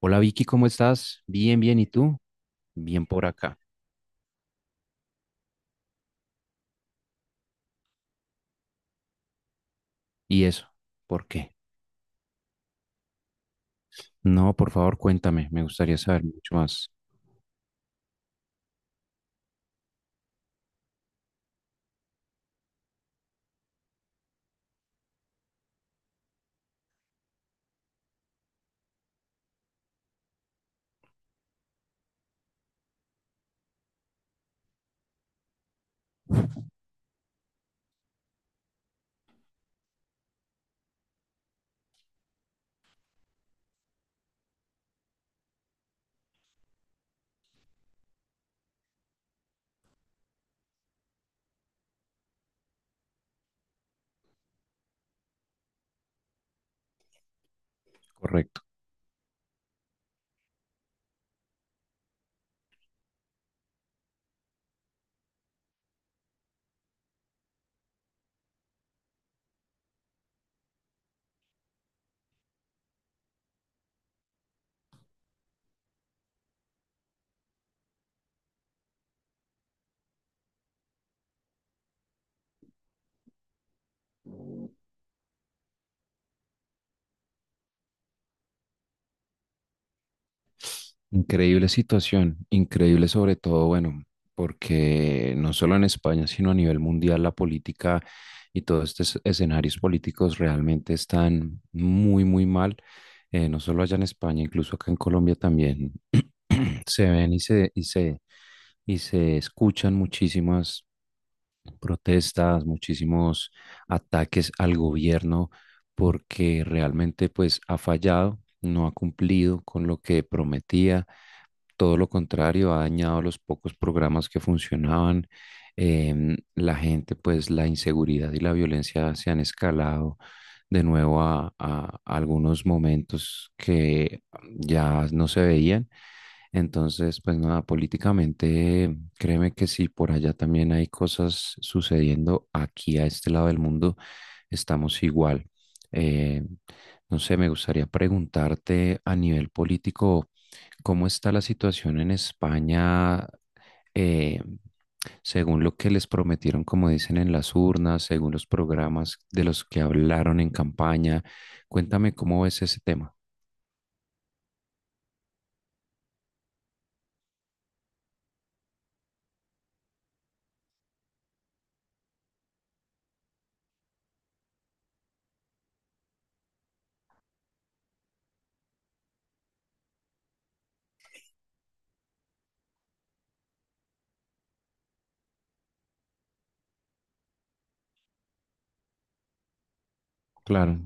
Hola Vicky, ¿cómo estás? Bien, bien, ¿y tú? Bien por acá. ¿Y eso? ¿Por qué? No, por favor, cuéntame, me gustaría saber mucho más. Correcto. Increíble situación, increíble sobre todo, bueno, porque no solo en España, sino a nivel mundial, la política y todos estos escenarios políticos realmente están muy, muy mal. No solo allá en España, incluso acá en Colombia también se ven y se escuchan muchísimas protestas, muchísimos ataques al gobierno porque realmente pues ha fallado, no ha cumplido con lo que prometía todo lo contrario, ha dañado los pocos programas que funcionaban. La gente, pues la inseguridad y la violencia se han escalado de nuevo a algunos momentos que ya no se veían. Entonces, pues nada, políticamente, créeme que si por allá también hay cosas sucediendo, aquí a este lado del mundo estamos igual. Eh, no sé, me gustaría preguntarte a nivel político. ¿Cómo está la situación en España? eh, Según lo que les prometieron, como dicen en las urnas, según los programas de los que hablaron en campaña, cuéntame cómo ves ese tema. Claro,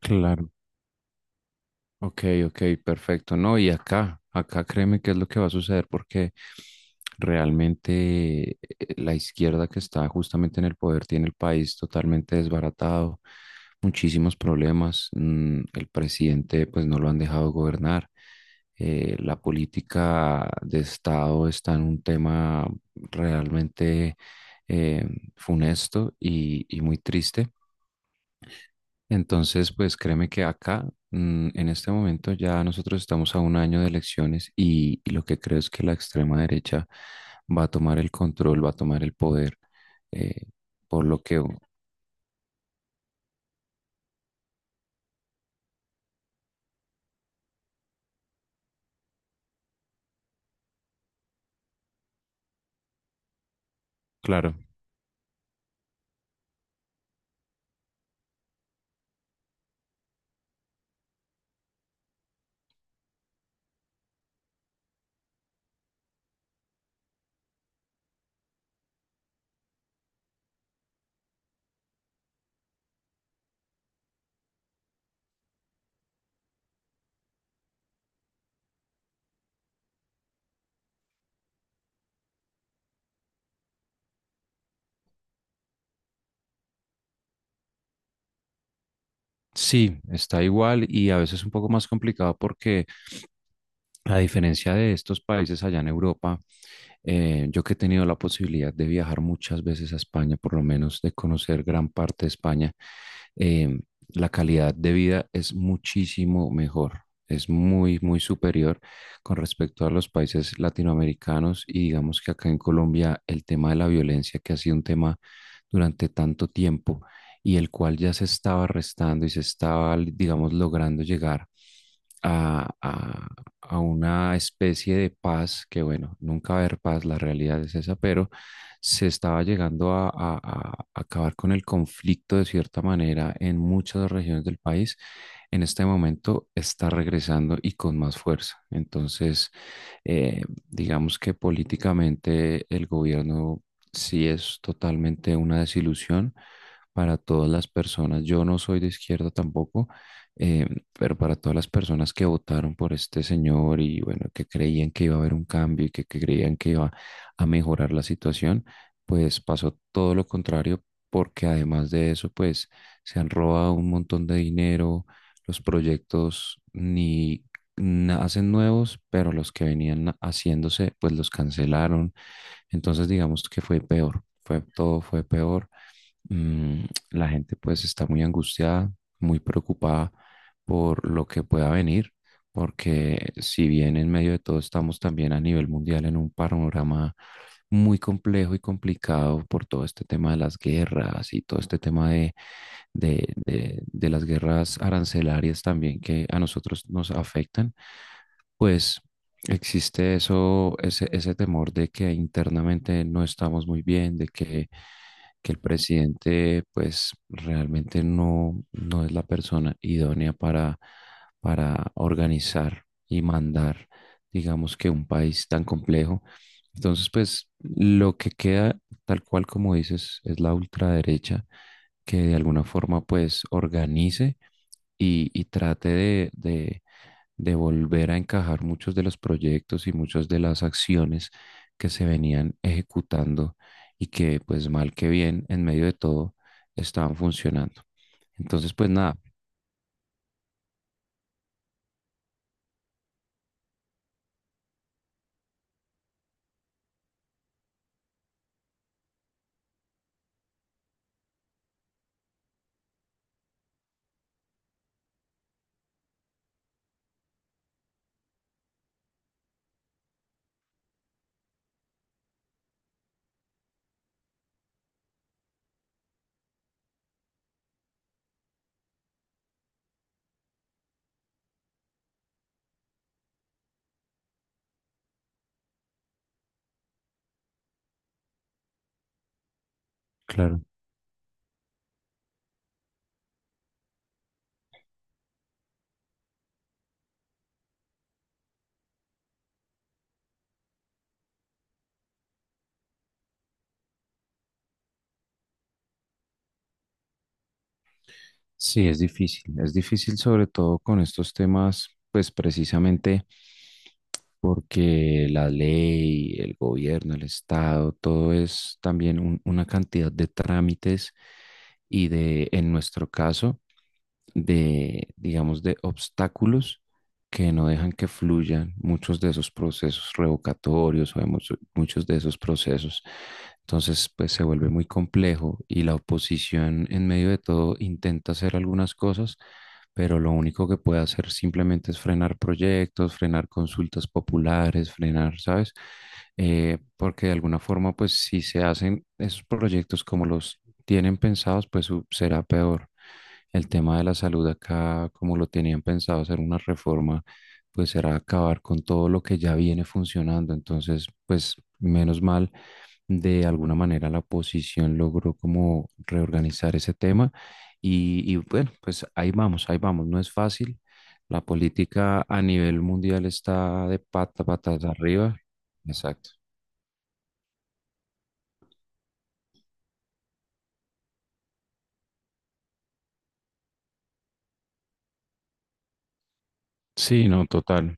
claro. Ok, ok, perfecto. No, y acá, acá créeme qué es lo que va a suceder porque realmente la izquierda que está justamente en el poder tiene el país totalmente desbaratado, muchísimos problemas. El presidente pues no lo han dejado gobernar. La política de Estado está en un tema realmente eh, funesto y muy triste. Entonces, pues créeme que acá, en este momento, ya nosotros estamos a un año de elecciones y lo que creo es que la extrema derecha va a tomar el control, va a tomar el poder, eh, por lo que, claro, sí, está igual y a veces un poco más complicado porque a diferencia de estos países allá en Europa, yo que he tenido la posibilidad de viajar muchas veces a España, por lo menos de conocer gran parte de España, eh, la calidad de vida es muchísimo mejor, es muy, muy superior con respecto a los países latinoamericanos y digamos que acá en Colombia el tema de la violencia, que ha sido un tema durante tanto tiempo y el cual ya se estaba restando y se estaba, digamos, logrando llegar a, a una especie de paz, que bueno, nunca va a haber paz, la realidad es esa, pero se estaba llegando a acabar con el conflicto de cierta manera en muchas regiones del país. En este momento está regresando y con más fuerza. Entonces, eh, digamos que políticamente el gobierno sí es totalmente una desilusión para todas las personas. Yo no soy de izquierda tampoco. eh, pero para todas las personas que votaron por este señor y bueno, que creían que iba a haber un cambio y que creían que iba a mejorar la situación, pues pasó todo lo contrario, porque además de eso, pues se han robado un montón de dinero, los proyectos ni na- hacen nuevos, pero los que venían haciéndose, pues los cancelaron. Entonces, digamos que fue peor, fue todo fue peor mm, la gente pues está muy angustiada, muy preocupada por lo que pueda venir, porque si bien en medio de todo estamos también a nivel mundial en un panorama muy complejo y complicado por todo este tema de las guerras y todo este tema de las guerras arancelarias también que a nosotros nos afectan, pues... Existe eso, ese temor de que internamente no estamos muy bien, de que el presidente pues realmente no, no es la persona idónea para organizar y mandar, digamos que un país tan complejo. Entonces pues lo que queda tal cual como dices es la ultraderecha que de alguna forma pues organice y trate de volver a encajar muchos de los proyectos y muchas de las acciones que se venían ejecutando y que pues mal que bien en medio de todo estaban funcionando. Entonces pues nada, claro, sí es difícil sobre todo con estos temas pues precisamente porque la ley, el gobierno, el Estado, todo es también una cantidad de trámites y de, en nuestro caso, de, digamos, de obstáculos que no dejan que fluyan muchos de esos procesos revocatorios o muchos de esos procesos. Entonces, pues se vuelve muy complejo y la oposición en medio de todo intenta hacer algunas cosas, pero lo único que puede hacer simplemente es frenar proyectos, frenar consultas populares, frenar, ¿sabes? Porque de alguna forma, pues si se hacen esos proyectos como los tienen pensados, será peor. El tema de la salud acá, como lo tenían pensado hacer una reforma, pues será acabar con todo lo que ya viene funcionando. Entonces, pues menos mal, de alguna manera la oposición logró como reorganizar ese tema. Y bueno, pues ahí vamos, ahí vamos. No es fácil. La política a nivel mundial está de patas arriba. Exacto. Sí, no, total.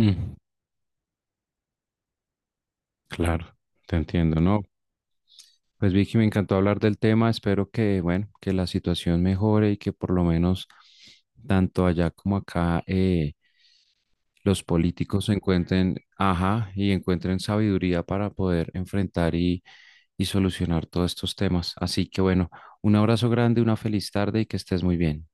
Mm, claro, te entiendo, ¿no? Pues Vicky, me encantó hablar del tema. Espero que, bueno, que la situación mejore y que por lo menos tanto allá como acá los políticos encuentren, ajá, y encuentren sabiduría para poder enfrentar y solucionar todos estos temas. Así que bueno, un abrazo grande, una feliz tarde y que estés muy bien.